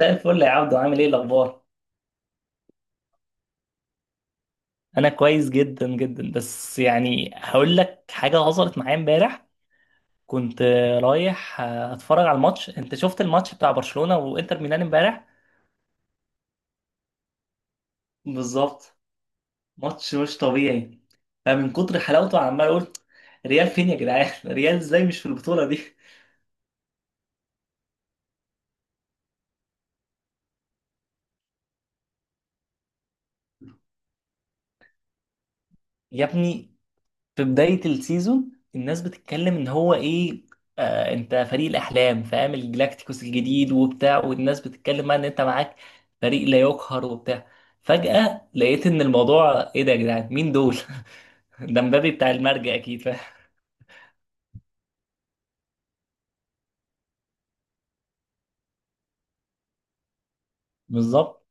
زي الفل يا عبدو، عامل ايه الاخبار؟ انا كويس جدا جدا، بس يعني هقول لك حاجه حصلت معايا امبارح. كنت رايح اتفرج على الماتش. انت شفت الماتش بتاع برشلونه وانتر ميلان امبارح؟ بالظبط. ماتش مش طبيعي، فمن كتر حلاوته عمال اقول ريال فين يا جدعان، ريال ازاي مش في البطوله دي؟ يا ابني، في بداية السيزون الناس بتتكلم ان هو ايه، آه انت فريق الاحلام، فاهم، الجلاكتيكوس الجديد وبتاع، والناس بتتكلم بقى ان انت معاك فريق لا يقهر وبتاع. فجأة لقيت ان الموضوع ايه ده يا جدعان، مين دول؟ ده مبابي بتاع المرجع اكيد، فاهم. بالظبط.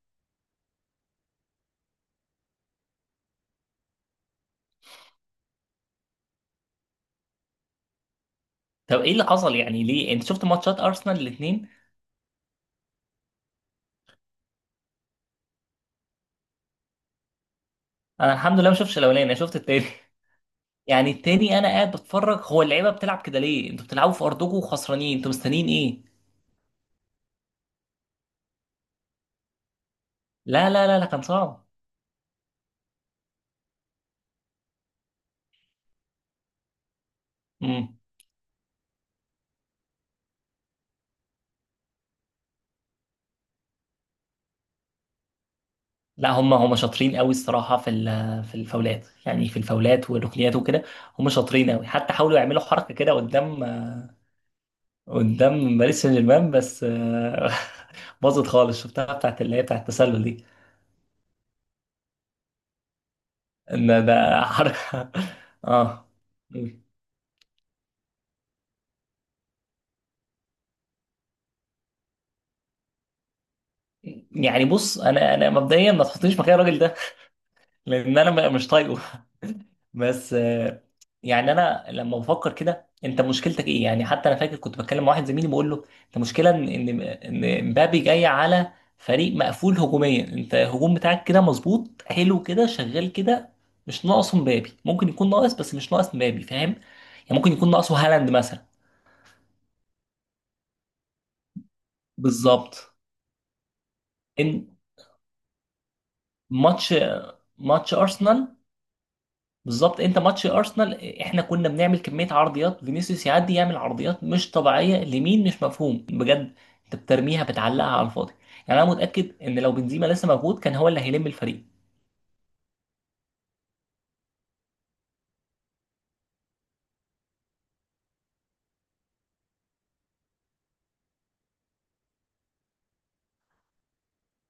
طب ايه اللي حصل يعني؟ ليه؟ انت شفت ماتشات ارسنال الاثنين؟ انا الحمد لله ما شفتش الاولاني، انا شفت التاني. يعني التاني انا قاعد بتفرج، هو اللعيبه بتلعب كده ليه، انتوا بتلعبوا في ارضكم وخسرانين، انتوا مستنيين ايه؟ لا لا لا لا، كان صعب. مم. لا، هم شاطرين قوي الصراحه في في الفاولات، يعني في الفاولات والركنيات وكده. هم شاطرين قوي، حتى حاولوا يعملوا حركه كده قدام، قدام باريس سان جيرمان، بس باظت خالص، شفتها بتاعت اللي هي بتاعت التسلل دي. ان ده حركه. اه. يعني بص، انا مبدئيا ما تحطنيش مكان الراجل ده. لان انا مش طايقه. بس يعني انا لما بفكر كده، انت مشكلتك ايه يعني؟ حتى انا فاكر كنت بتكلم مع واحد زميلي بقول له: انت مشكله ان ان إن مبابي جاي على فريق مقفول هجوميا، انت الهجوم بتاعك كده مظبوط حلو كده شغال كده. مش ناقصه مبابي، ممكن يكون ناقص، بس مش ناقص مبابي، فاهم يعني. ممكن يكون ناقصه هالاند مثلا. بالظبط ان. ماتش ماتش ارسنال. بالظبط، انت ماتش ارسنال، احنا كنا بنعمل كميه عرضيات، فينيسيوس يعدي يعمل عرضيات مش طبيعيه لمين؟ مش مفهوم بجد. انت بترميها بتعلقها على الفاضي. يعني انا متاكد ان لو بنزيما لسه موجود كان هو اللي هيلم الفريق.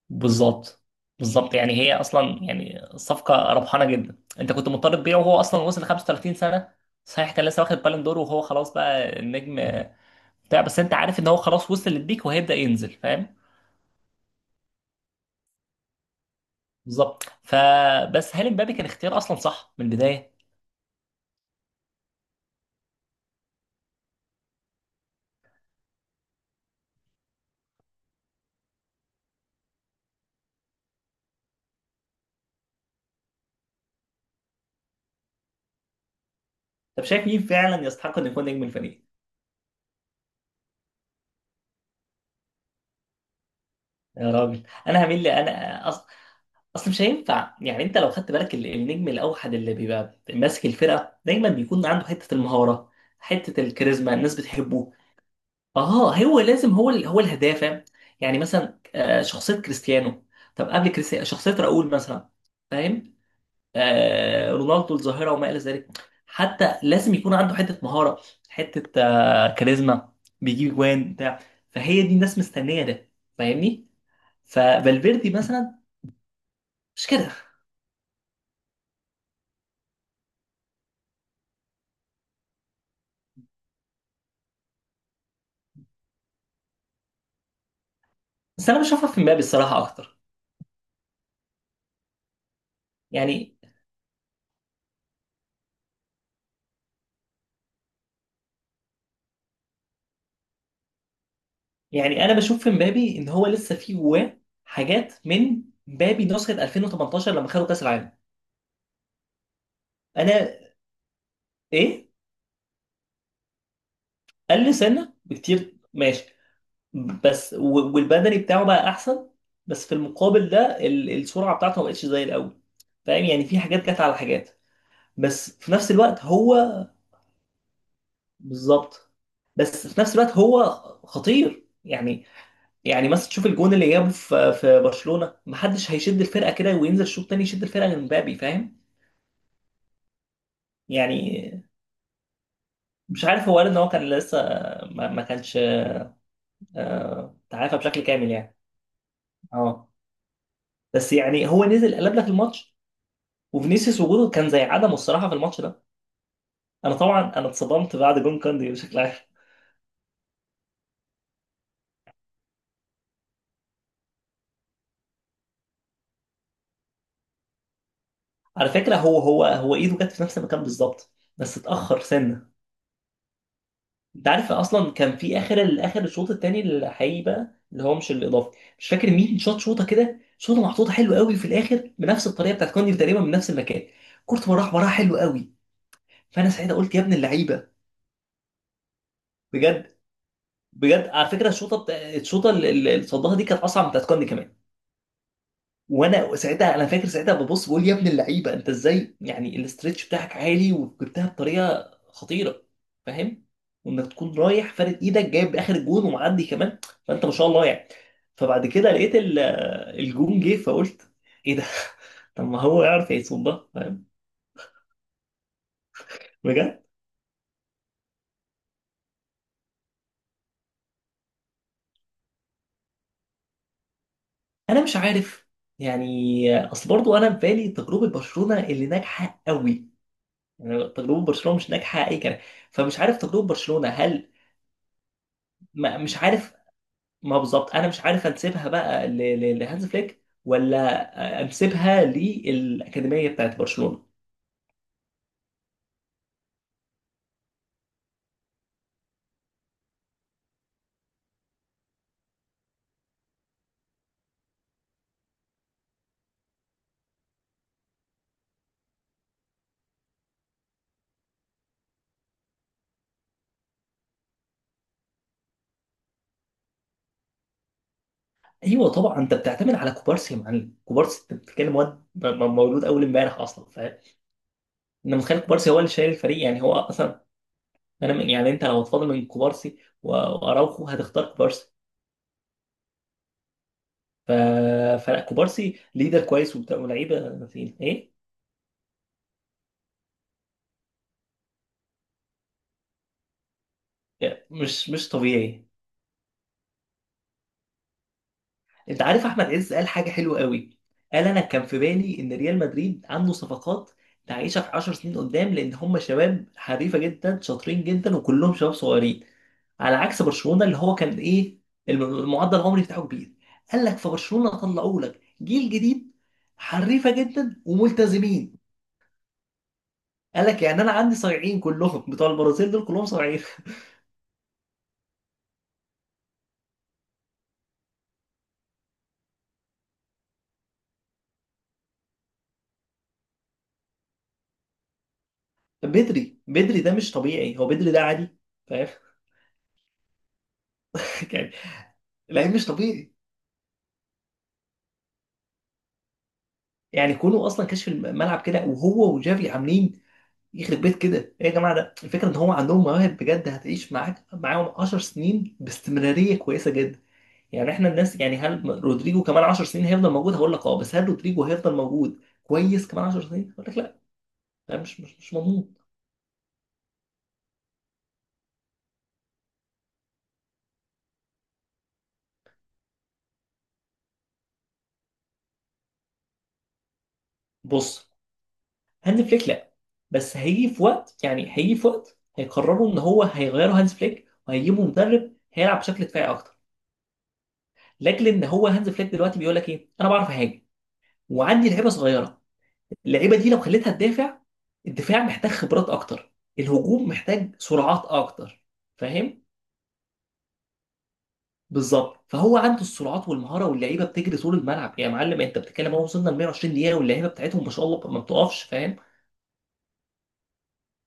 بالظبط. بالظبط، يعني هي اصلا يعني صفقه ربحانه جدا، انت كنت مضطر تبيعه، وهو اصلا وصل 35 سنه. صحيح كان لسه واخد بالون دور، وهو خلاص بقى النجم بتاع. بس انت عارف ان هو خلاص وصل للبيك وهيبدا ينزل، فاهم. بالظبط، فبس هل امبابي كان اختيار اصلا صح من البدايه؟ طب شايف مين فعلا يستحق انه يكون نجم الفريق؟ يا راجل، انا هميل لي، اصل مش هينفع، يعني انت لو خدت بالك النجم الاوحد اللي بيبقى ماسك الفرقه دايما بيكون عنده حته المهاره، حته الكاريزما، الناس بتحبه. اه، هو لازم هو الهداف، فاهم؟ يعني مثلا شخصيه كريستيانو. طب قبل كريستيانو شخصيه راؤول مثلا، فاهم. رونالدو الظاهره، وما الى ذلك. حتى لازم يكون عنده حته مهاره، حته كاريزما. بيجيب جوان بتاع، فهي دي الناس مستنيه ده، فاهمني. ففالفيردي مثلا، مش كده؟ بس انا بشوفها في مبابي الصراحه اكتر، يعني. يعني انا بشوف في مبابي ان هو لسه في جواه حاجات من مبابي نسخه 2018 لما خدوا كاس العالم. انا. ايه. قل سنه بكتير، ماشي. بس والبدني بتاعه بقى احسن. بس في المقابل ده، السرعه بتاعته ما بقتش زي الاول. فاهم يعني، في حاجات جت على حاجات. بس في نفس الوقت هو. بالظبط. بس في نفس الوقت هو خطير يعني. يعني مثلا تشوف الجون اللي جابه في برشلونه، محدش هيشد الفرقه كده وينزل شوط تاني يشد الفرقه غير مبابي، فاهم يعني. مش عارف، هو قال ان هو كان لسه، ما كانش تعافى بشكل كامل يعني. اه، بس يعني هو نزل قلب لك الماتش، وفينيسيوس وجوده كان زي عدمه الصراحه في الماتش ده. انا طبعا انا اتصدمت بعد جون كاندي بشكل عام. على فكره، هو ايده جت في نفس المكان بالظبط، بس اتاخر سنه. انت عارف اصلا، كان في اخر الاخر الشوط الثاني الحقيقي بقى اللي هو مش الاضافي، مش فاكر مين شاط شوطه كده، شوطه محطوطه حلو قوي في الاخر بنفس الطريقه بتاعت كاندي تقريبا، من نفس المكان. كورت وراح وراها حلو قوي. فانا ساعتها قلت يا ابن اللعيبه. بجد. بجد، على فكره الشوطه الشوطه اللي صدها دي كانت اصعب من بتاعت كاندي كمان. وانا ساعتها انا فاكر ساعتها ببص بقول: يا ابن اللعيبه، انت ازاي يعني؟ الاسترتش بتاعك عالي وجبتها بطريقه خطيره، فاهم. وانك تكون رايح فارد ايدك جايب اخر الجون ومعدي كمان، فانت ما شاء الله يعني. فبعد كده لقيت الجون جه فقلت: ايه ده؟ طب ما هو يعرف يصوم ده، فاهم. بجد. انا مش عارف يعني، اصل برضو انا في بالي تجربه برشلونه اللي ناجحه قوي، يعني تجربه برشلونه مش ناجحه اي كلام. فمش عارف تجربه برشلونه هل، ما مش عارف، ما بالظبط انا مش عارف انسبها بقى لهانز فليك ولا انسبها للاكاديميه بتاعت برشلونه. ايوه طبعا، انت بتعتمد على كوبارسي يا معلم، كوبارسي انت بتتكلم واد مولود اول امبارح اصلا، فاهم. انا متخيل كوبارسي هو اللي شايل الفريق، يعني هو اصلا، انا يعني انت لو هتفاضل من كوبارسي واراوخو هتختار كوبارسي. ف... فلا كوبارسي ليدر كويس ولاعيبه فين ايه، مش طبيعي. انت عارف احمد عز قال حاجه حلوه قوي، قال: انا كان في بالي ان ريال مدريد عنده صفقات تعيشها في 10 سنين قدام، لان هم شباب حريفه جدا شاطرين جدا وكلهم شباب صغيرين، على عكس برشلونه اللي هو كان ايه، المعدل العمري بتاعه كبير. قال لك في برشلونه طلعوا لك جيل جديد، حريفه جدا وملتزمين. قال لك يعني انا عندي صايعين كلهم، بتوع البرازيل دول كلهم صايعين. بدري بدري ده مش طبيعي، هو بدري ده عادي، فاهم. يعني لعيب مش طبيعي. يعني كونه اصلا كشف الملعب كده وهو وجافي عاملين يخرب بيت كده، ايه يا جماعه، ده الفكره ان هو عندهم مواهب بجد هتعيش معاك معاهم 10 سنين باستمراريه كويسه جدا. يعني احنا الناس، يعني هل رودريجو كمان 10 سنين هيفضل موجود؟ هقول لك اه. بس هل رودريجو هيفضل موجود كويس كمان 10 سنين؟ هقول لك لا. ده مش مضمون. بص، هانز فليك لا، بس هيجي في وقت، يعني هيجي في وقت هيقرروا ان هو هيغيروا هانز فليك وهيجيبوا مدرب هيلعب بشكل دفاعي اكتر، لاجل ان هو هانز فليك دلوقتي بيقول لك ايه: انا بعرف اهاجم وعندي لعيبه صغيره، اللعيبه دي لو خليتها تدافع، الدفاع محتاج خبرات اكتر، الهجوم محتاج سرعات اكتر، فاهم. بالظبط، فهو عنده السرعات والمهاره، واللعيبه بتجري طول الملعب يا معلم، انت بتتكلم اهو وصلنا ل 120 دقيقه واللعيبه بتاعتهم ما شاء الله ما بتقفش، فاهم.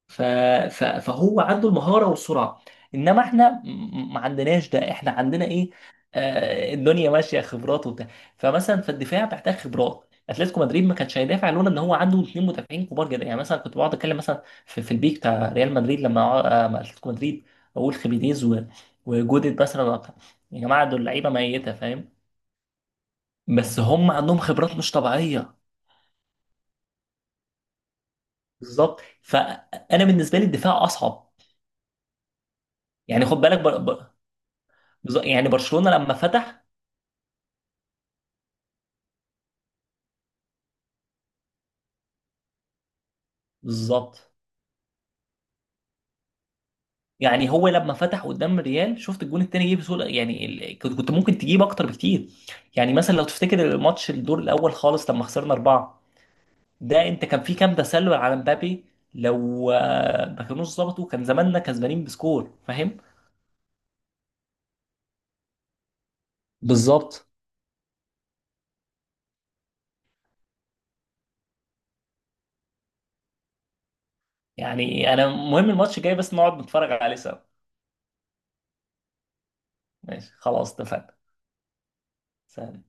ف... فهو عنده المهارة والسرعة. انما احنا ما عندناش ده، احنا عندنا ايه؟ الدنيا ماشية خبرات وبتاع. فمثلا في الدفاع محتاج خبرات، اتلتيكو مدريد ما كانش هيدافع لولا ان هو عنده اثنين مدافعين كبار جدا، يعني مثلا كنت بقعد اتكلم مثلا في، البيك بتاع ريال مدريد لما مع اتلتيكو مدريد، اقول خيمينيز و... وجودت مثلا وبتاع. يا جماعة دول لعيبة ميتة، فاهم. بس هم عندهم خبرات مش طبيعية. بالظبط، فانا بالنسبة لي الدفاع اصعب. يعني خد بالك، يعني برشلونة لما فتح. بالظبط، يعني هو لما فتح قدام الريال شفت الجون التاني جه بسهولة، يعني كنت ممكن تجيب اكتر بكتير. يعني مثلا لو تفتكر الماتش الدور الاول خالص لما خسرنا اربعة، ده انت كان في كام تسلل على مبابي؟ لو ما كانوش ظبطوا كان زماننا كسبانين بسكور، فاهم. بالظبط. يعني انا مهم الماتش جاي، بس نقعد نتفرج عليه سوا. ماشي خلاص اتفقنا. سلام.